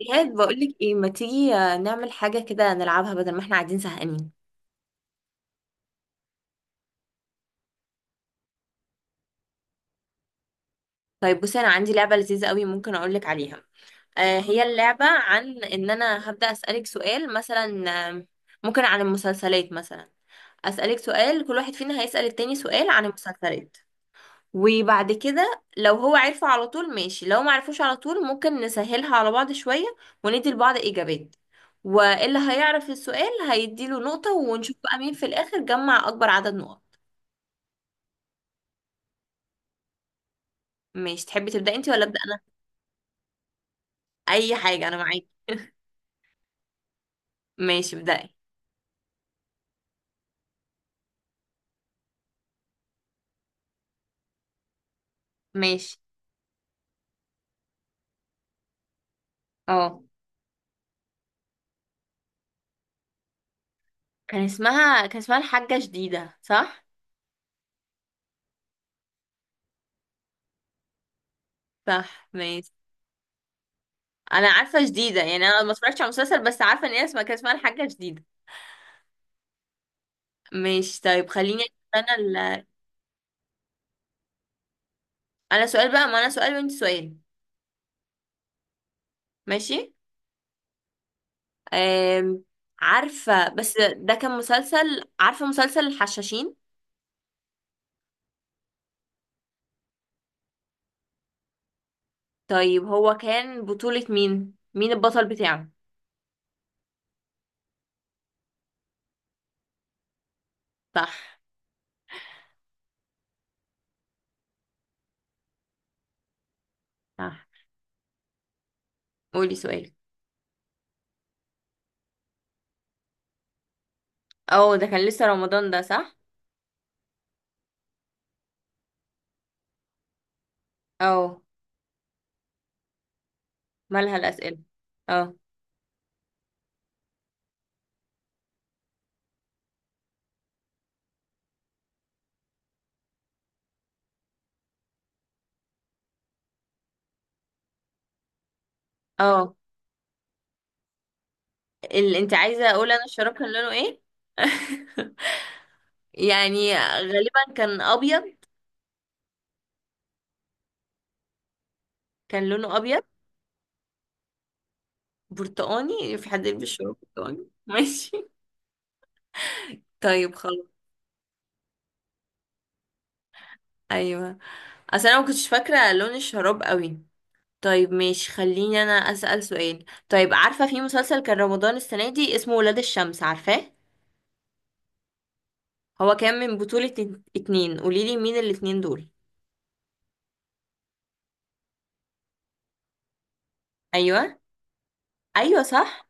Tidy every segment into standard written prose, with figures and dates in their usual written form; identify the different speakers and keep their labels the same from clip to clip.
Speaker 1: ايهاب، بقولك ايه، ما تيجي نعمل حاجة كده نلعبها بدل ما احنا قاعدين زهقانين. طيب، بصي انا عندي لعبة لذيذة قوي ممكن اقولك عليها. آه، هي اللعبة عن ان انا هبدأ اسألك سؤال مثلا، ممكن عن المسلسلات مثلا. اسألك سؤال، كل واحد فينا هيسأل التاني سؤال عن المسلسلات. وبعد كده، لو هو عرفه على طول ماشي، لو ما عرفوش على طول ممكن نسهلها على بعض شوية وندي لبعض إجابات. واللي هيعرف السؤال هيديله نقطة، ونشوف بقى مين في الآخر جمع أكبر عدد نقط. ماشي، تحبي تبدأي انت ولا أبدأ انا؟ اي حاجة، انا معاكي. ماشي، ابدأي. ماشي. اه، كان اسمها الحاجة جديدة، صح؟ صح، ماشي. انا عارفة جديدة، يعني انا ما اتفرجتش على المسلسل بس عارفة ان هي كان اسمها الحاجة جديدة. ماشي طيب، خليني أسأل. انا ال... انا سؤال بقى، ما انا سؤال وانت سؤال. ماشي. أم... عارفة، بس ده كان مسلسل، عارفة مسلسل الحشاشين؟ طيب، هو كان بطولة مين؟ مين البطل بتاعه؟ صح. صح، قولي سؤال. اه، ده كان لسه رمضان ده، صح؟ اه. مالها الأسئلة؟ اه. اه، اللي انت عايزة اقول انا الشراب كان لونه ايه؟ يعني غالبا كان ابيض. كان لونه ابيض. برتقاني؟ في حد يلبس شراب برتقاني؟ ماشي. طيب، خلاص. ايوه. اصل انا ما كنتش فاكره لون الشراب قوي. طيب ماشي، خليني انا اسال سؤال. طيب، عارفه في مسلسل كان رمضان السنه دي اسمه ولاد الشمس، عارفاه؟ هو كان من بطوله اتنين، قوليلي مين الاتنين دول. ايوه. ايوه صح.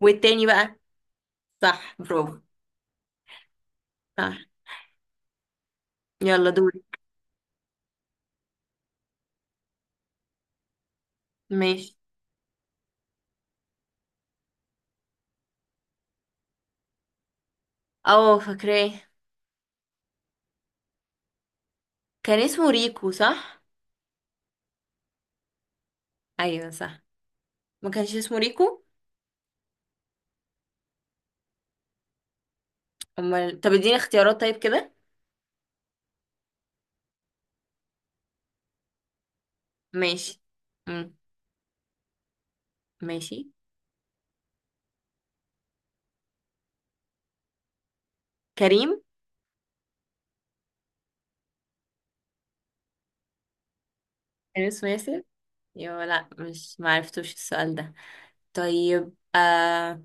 Speaker 1: والتاني بقى؟ صح، برافو. صح. يلا، دوري. ماشي. اه، فاكراه. كان اسمه ريكو، صح؟ ايوه صح. ما كانش اسمه ريكو؟ امال طب، اديني اختيارات طيب كده. ماشي. امم ماشي. كريم. كان اسمه ياسر؟ يا لا، مش معرفتوش السؤال ده. طيب.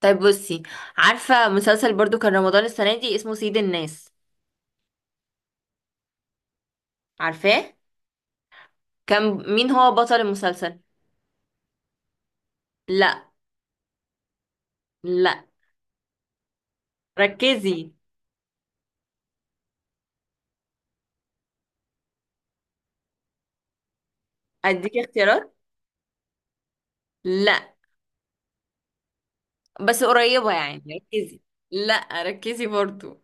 Speaker 1: طيب، بصي. عارفة مسلسل برضو كان رمضان السنة دي اسمه سيد الناس، عارفاه؟ كان مين هو بطل المسلسل؟ لا. لا، ركزي. اديك اختيارات؟ لا. بس قريبة يعني، ركزي. لا، ركزي برضو.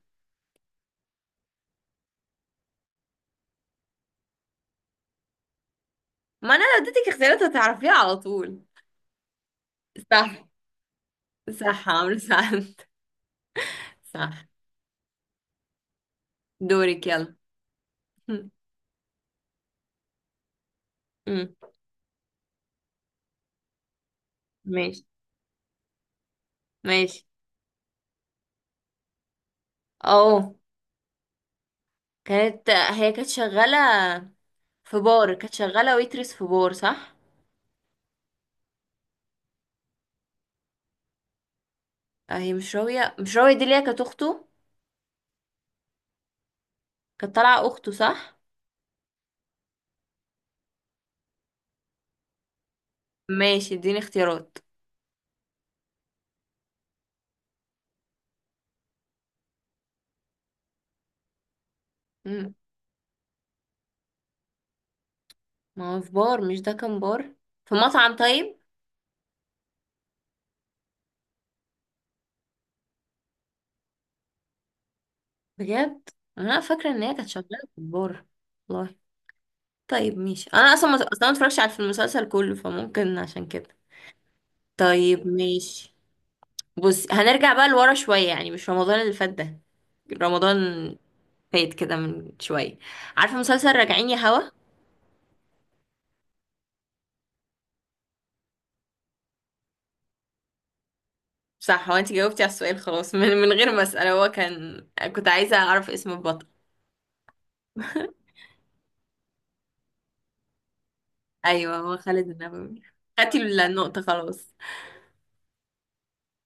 Speaker 1: ما انا لو اديتك اختيارات هتعرفيها على طول. صح. صح، عمرو صح. صح. دورك يلا. أمم، ماشي. ماشي. اه. هي كانت شغالة في بار، كانت شغالة ويترس في بار، صح؟ هي مش راوية، مش راوية دي اللي هي كانت اخته. كانت طالعة اخته، صح؟ ماشي، اديني اختيارات. أمم، ما هو في بار، مش ده كان بار؟ في مطعم، طيب. بجد؟ انا فاكره ان هي كانت شغاله في البور. والله. طيب ماشي، انا اصلا ما اتفرجتش على في المسلسل كله، فممكن عشان كده. طيب ماشي. بص، هنرجع بقى لورا شويه، يعني مش رمضان اللي فات ده. رمضان فات كده من شويه. عارفه مسلسل راجعين يا هوا؟ صح، هو انت جاوبتي على السؤال خلاص. من غير ما اسال، هو كان، كنت عايزه اعرف اسم البطل. ايوه، هو خالد النبوي. خدتي النقطه خلاص.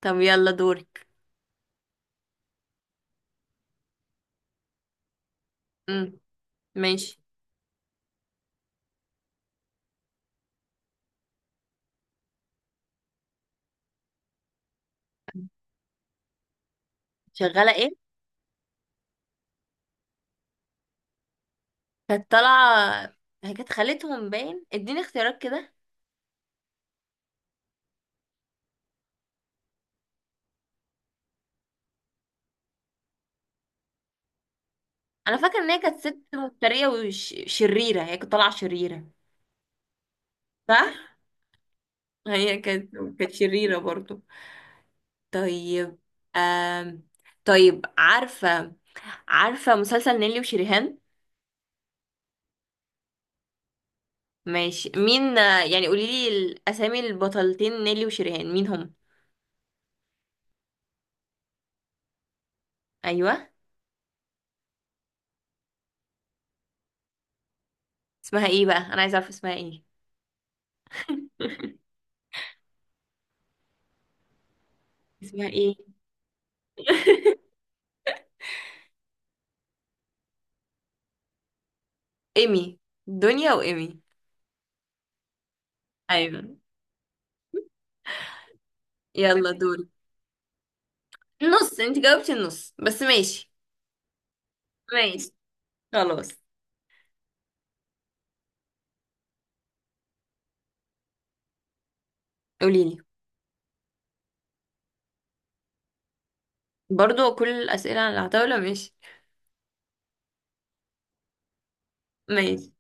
Speaker 1: طب، يلا دورك. امم ماشي. شغاله ايه؟ كانت طالعة، هي كانت خالتهم باين. اديني اختيارات كده. انا فاكرة ان هي كانت ست مفترية وشريرة، هي كانت طالعة شريرة. صح. هي كانت، كانت شريرة برضو. طيب. آم... طيب، عارفة، عارفة مسلسل نيلي وشريهان؟ ماشي، مين يعني قوليلي الاسامي، البطلتين نيلي وشريهان مين هم؟ ايوه. اسمها ايه بقى، انا عايزة اعرف اسمها ايه؟ اسمها ايه؟ ايمي. دنيا وايمي. ايوه. يلا دورك. نص، انت جاوبتي النص بس، ماشي. ماشي. خلاص. قوليلي. برضو كل الأسئلة على العتاولة؟ ماشي. ماشي.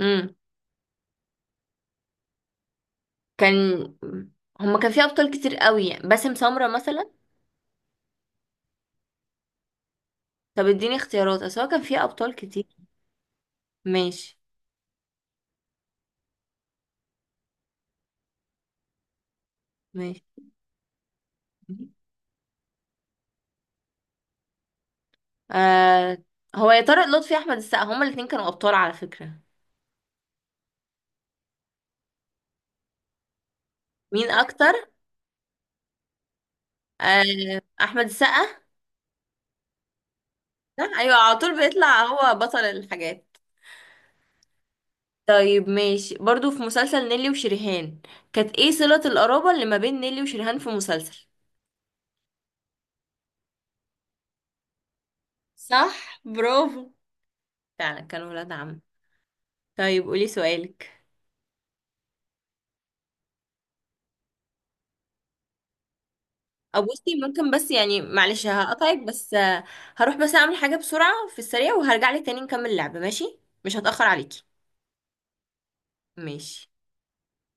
Speaker 1: امم كان هما كان فيه أبطال كتير قوي، يعني باسم سمرة مثلا. طب اديني اختيارات، أصل هو كان فيه أبطال كتير. ماشي. ماشي. آه هو يا طارق لطفي أحمد السقا، هما الاتنين كانوا أبطال على فكرة. مين أكتر؟ آه، أحمد السقا. صح؟ أيوة، على طول بيطلع هو بطل الحاجات. طيب ماشي، برضو في مسلسل نيلي وشريهان، كانت ايه صلة القرابة اللي ما بين نيلي وشريهان في مسلسل؟ صح، برافو. فعلا كانوا ولاد عم. طيب، قولي سؤالك. او بصي، ممكن بس يعني معلش هقطعك بس، هروح بس اعمل حاجة بسرعة في السريع، وهرجع لك تاني نكمل اللعبة، ماشي؟ مش هتأخر عليكي. ماشي.